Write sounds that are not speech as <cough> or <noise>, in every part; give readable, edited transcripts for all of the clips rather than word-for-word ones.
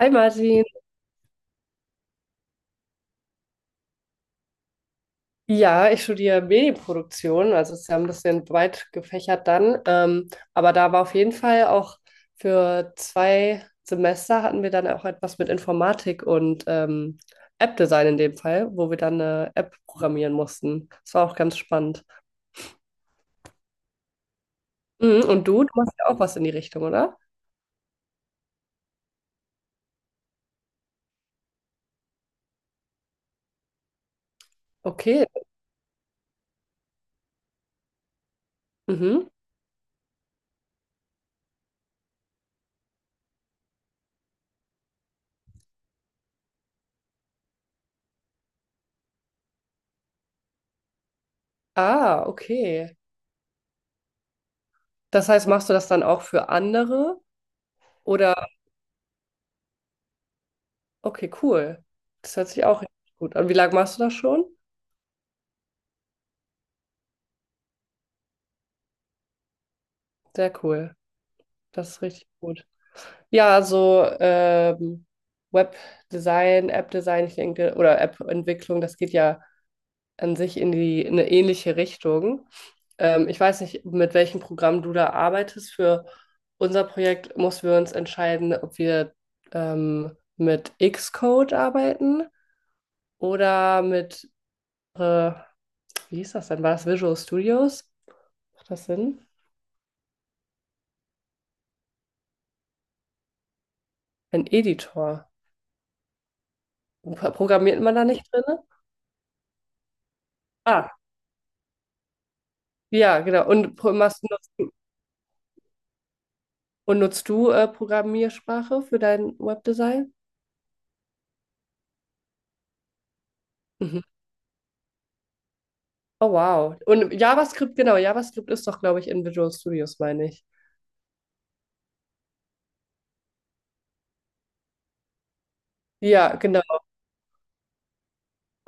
Hi Martin. Ja, ich studiere Medienproduktion, also es ist ja ein bisschen breit gefächert dann. Aber da war auf jeden Fall auch für zwei Semester hatten wir dann auch etwas mit Informatik und App-Design in dem Fall, wo wir dann eine App programmieren mussten. Das war auch ganz spannend. Mhm, und du machst ja auch was in die Richtung, oder? Okay. Mhm. Ah, okay. Das heißt, machst du das dann auch für andere? Oder, okay, cool. Das hört sich auch richtig gut an. Wie lange machst du das schon? Sehr cool. Das ist richtig gut. Ja, also Webdesign, App-Design, ich denke, oder App-Entwicklung, das geht ja an sich in in eine ähnliche Richtung. Ich weiß nicht, mit welchem Programm du da arbeitest. Für unser Projekt mussten wir uns entscheiden, ob wir mit Xcode arbeiten oder mit, äh, wie hieß das denn? War das Visual Studios? Macht das Sinn? Ein Editor. Programmiert man da nicht drin? Ah, ja, genau. Und machst, nutzt, und nutzt du Programmiersprache für dein Webdesign? Mhm. Oh, wow. Und JavaScript, genau. JavaScript ist doch, glaube ich, in Visual Studios, meine ich. Ja, genau.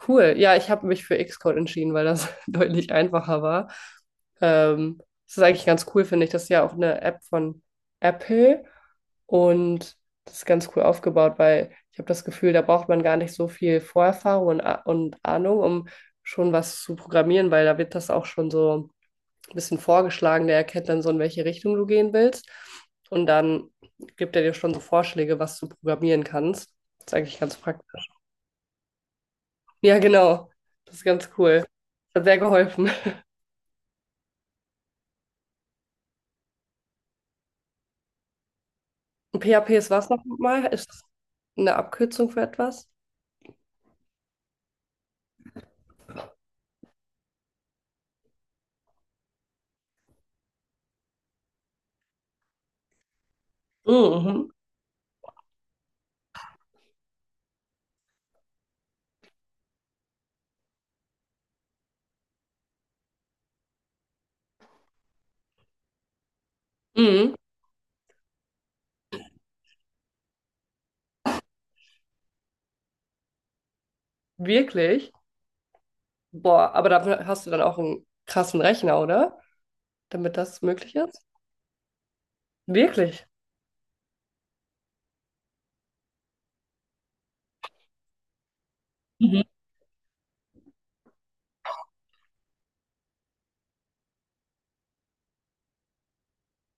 Cool. Ja, ich habe mich für Xcode entschieden, weil das <laughs> deutlich einfacher war. Ähm, Das ist eigentlich ganz cool, finde ich. Das ist ja auch eine App von Apple und das ist ganz cool aufgebaut, weil ich habe das Gefühl, da braucht man gar nicht so viel Vorerfahrung und Ahnung, um schon was zu programmieren, weil da wird das auch schon so ein bisschen vorgeschlagen. Der erkennt dann so, in welche Richtung du gehen willst. Und dann gibt er dir schon so Vorschläge, was du programmieren kannst. Das ist eigentlich ganz praktisch. Ja, genau. Das ist ganz cool. Das hat sehr geholfen. Und PHP ist was nochmal? Ist das eine Abkürzung für etwas? Mhm. Mhm. Wirklich? Boah, aber dafür hast du dann auch einen krassen Rechner, oder? Damit das möglich ist? Wirklich? Mhm.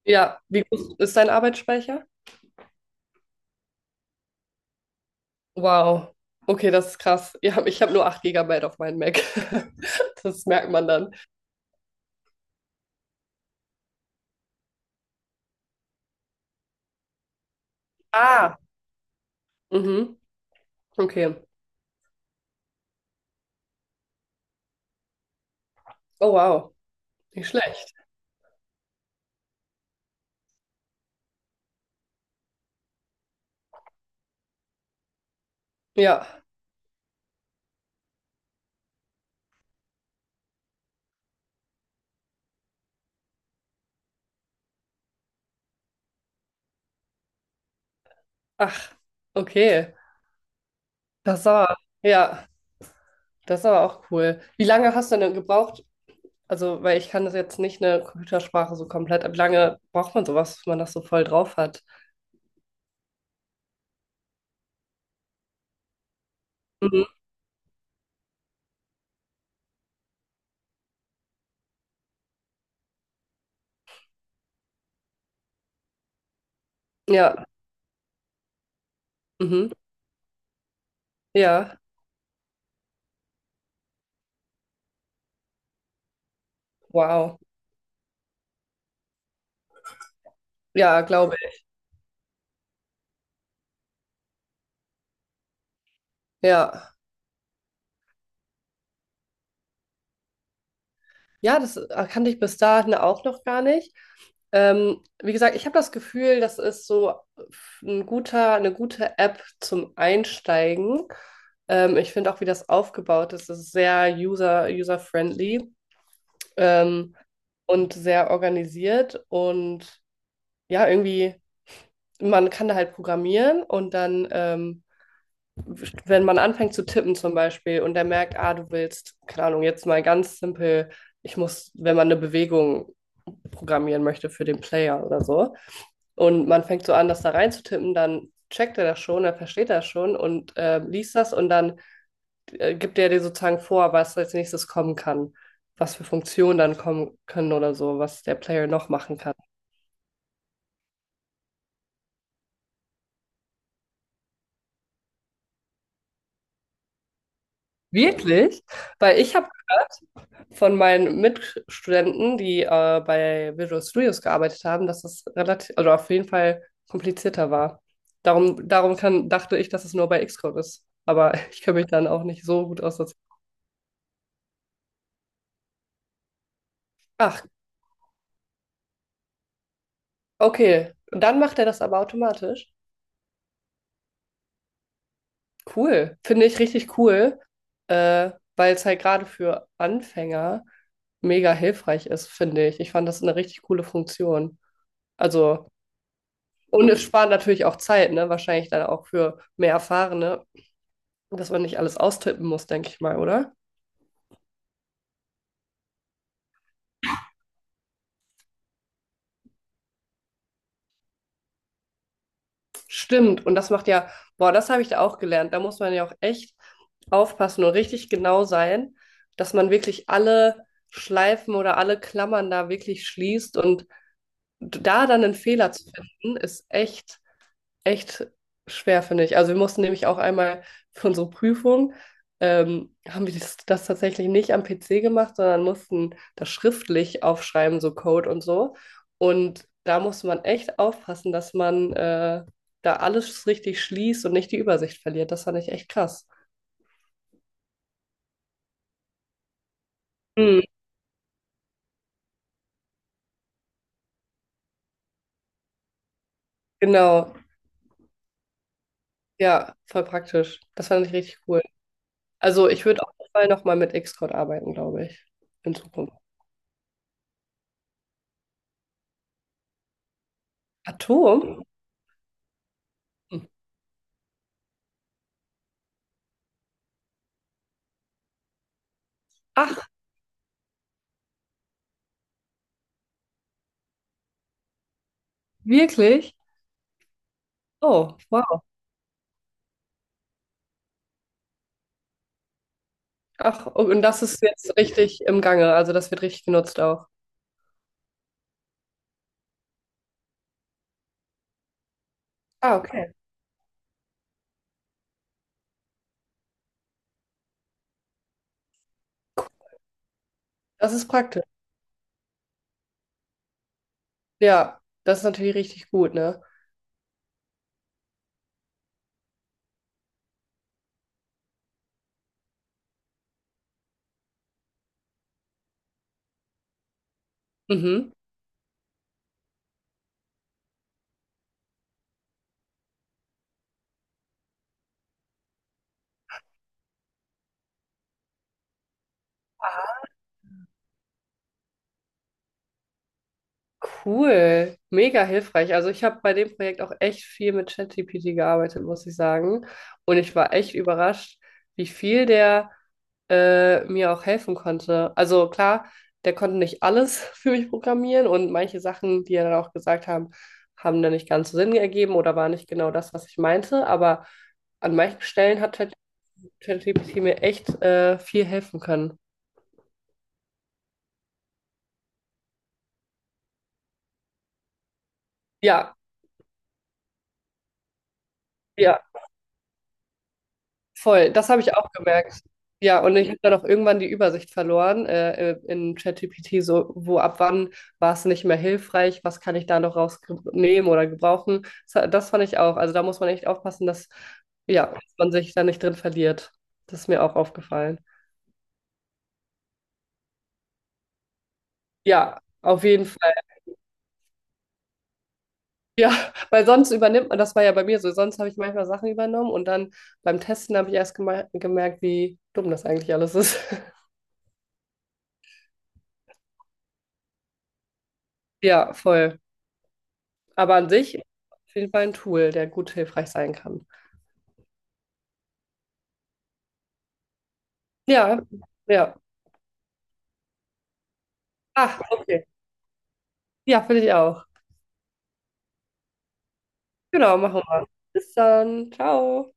Ja, wie groß ist dein Arbeitsspeicher? Wow. Okay, das ist krass. Ja, ich habe nur 8 Gigabyte auf meinem Mac. <laughs> Das merkt man dann. Ah. Mhm. Okay. Oh, wow. Nicht schlecht. Ja. Ach, okay. Das ist aber, ja, das ist aber auch cool. Wie lange hast du denn gebraucht? Also, weil ich kann das jetzt nicht eine Computersprache so komplett, aber wie lange braucht man sowas, wenn man das so voll drauf hat? Mhm. Ja, mhm. Ja, wow. Ja, glaube ich. Ja. Ja, das kannte ich bis dahin auch noch gar nicht. Wie gesagt, ich habe das Gefühl, das ist so ein guter, eine gute App zum Einsteigen. Ich finde auch, wie das aufgebaut ist, das ist sehr user-friendly. ähm, und sehr organisiert und ja, irgendwie, man kann da halt programmieren und dann, wenn man anfängt zu tippen zum Beispiel und der merkt, ah, du willst, keine Ahnung, jetzt mal ganz simpel, ich muss, wenn man eine Bewegung programmieren möchte für den Player oder so und man fängt so an, das da reinzutippen, dann checkt er das schon, er versteht das schon und liest das und dann gibt der dir sozusagen vor, was als nächstes kommen kann, was für Funktionen dann kommen können oder so, was der Player noch machen kann. Wirklich? Weil ich habe gehört von meinen Mitstudenten, die bei Visual Studios gearbeitet haben, dass es relativ, also auf jeden Fall komplizierter war. Darum kann, dachte ich, dass es nur bei Xcode ist. Aber <laughs> ich kenne mich dann auch nicht so gut aus. Dass... Ach, okay. Und dann macht er das aber automatisch. Cool, finde ich richtig cool, äh, weil es halt gerade für Anfänger mega hilfreich ist, finde ich. Ich fand das eine richtig coole Funktion. Also, und es spart natürlich auch Zeit, ne? Wahrscheinlich dann auch für mehr Erfahrene, dass man nicht alles austippen muss, denke ich mal, oder? Stimmt, und das macht ja, boah, das habe ich da auch gelernt. Da muss man ja auch echt aufpassen und richtig genau sein, dass man wirklich alle Schleifen oder alle Klammern da wirklich schließt und da dann einen Fehler zu finden, ist echt, echt schwer, finde ich. Also wir mussten nämlich auch einmal für unsere Prüfung, haben wir das tatsächlich nicht am PC gemacht, sondern mussten das schriftlich aufschreiben, so Code und so. Und da musste man echt aufpassen, dass man da alles richtig schließt und nicht die Übersicht verliert. Das fand ich echt krass. Hm, genau, ja, voll praktisch. Das fand ich richtig cool. Also ich würde auf jeden Fall nochmal mit Xcode arbeiten, glaube ich, in Zukunft. Atom? Ach, wirklich? Oh, wow. Ach, und das ist jetzt richtig im Gange, also das wird richtig genutzt auch. Ah, okay. Das ist praktisch. Ja, das ist natürlich richtig gut, ne? Mhm. Cool, mega hilfreich. Also ich habe bei dem Projekt auch echt viel mit ChatGPT gearbeitet, muss ich sagen. Und ich war echt überrascht, wie viel der mir auch helfen konnte. Also klar, der konnte nicht alles <laughs> für mich programmieren und manche Sachen, die er dann auch gesagt haben, haben dann nicht ganz so Sinn ergeben oder waren nicht genau das, was ich meinte. Aber an manchen Stellen hat ChatGPT mir echt viel helfen können. Ja, ja. Voll, das habe ich auch gemerkt. Ja, und ich habe dann auch irgendwann die Übersicht verloren in ChatGPT, so wo ab wann war es nicht mehr hilfreich, was kann ich da noch rausnehmen oder gebrauchen. Das fand ich auch. Also da muss man echt aufpassen, dass, ja, dass man sich da nicht drin verliert. Das ist mir auch aufgefallen. Ja, auf jeden Fall. Ja, <laughs> weil sonst übernimmt man, das war ja bei mir so, sonst habe ich manchmal Sachen übernommen und dann beim Testen habe ich erst gemerkt, wie dumm das eigentlich alles ist. <laughs> Ja, voll. Aber an sich auf jeden Fall ein Tool, der gut hilfreich sein kann. Ja, ja. Ach, okay. Ja, finde ich auch. Genau, machen wir. Bis dann. Ciao.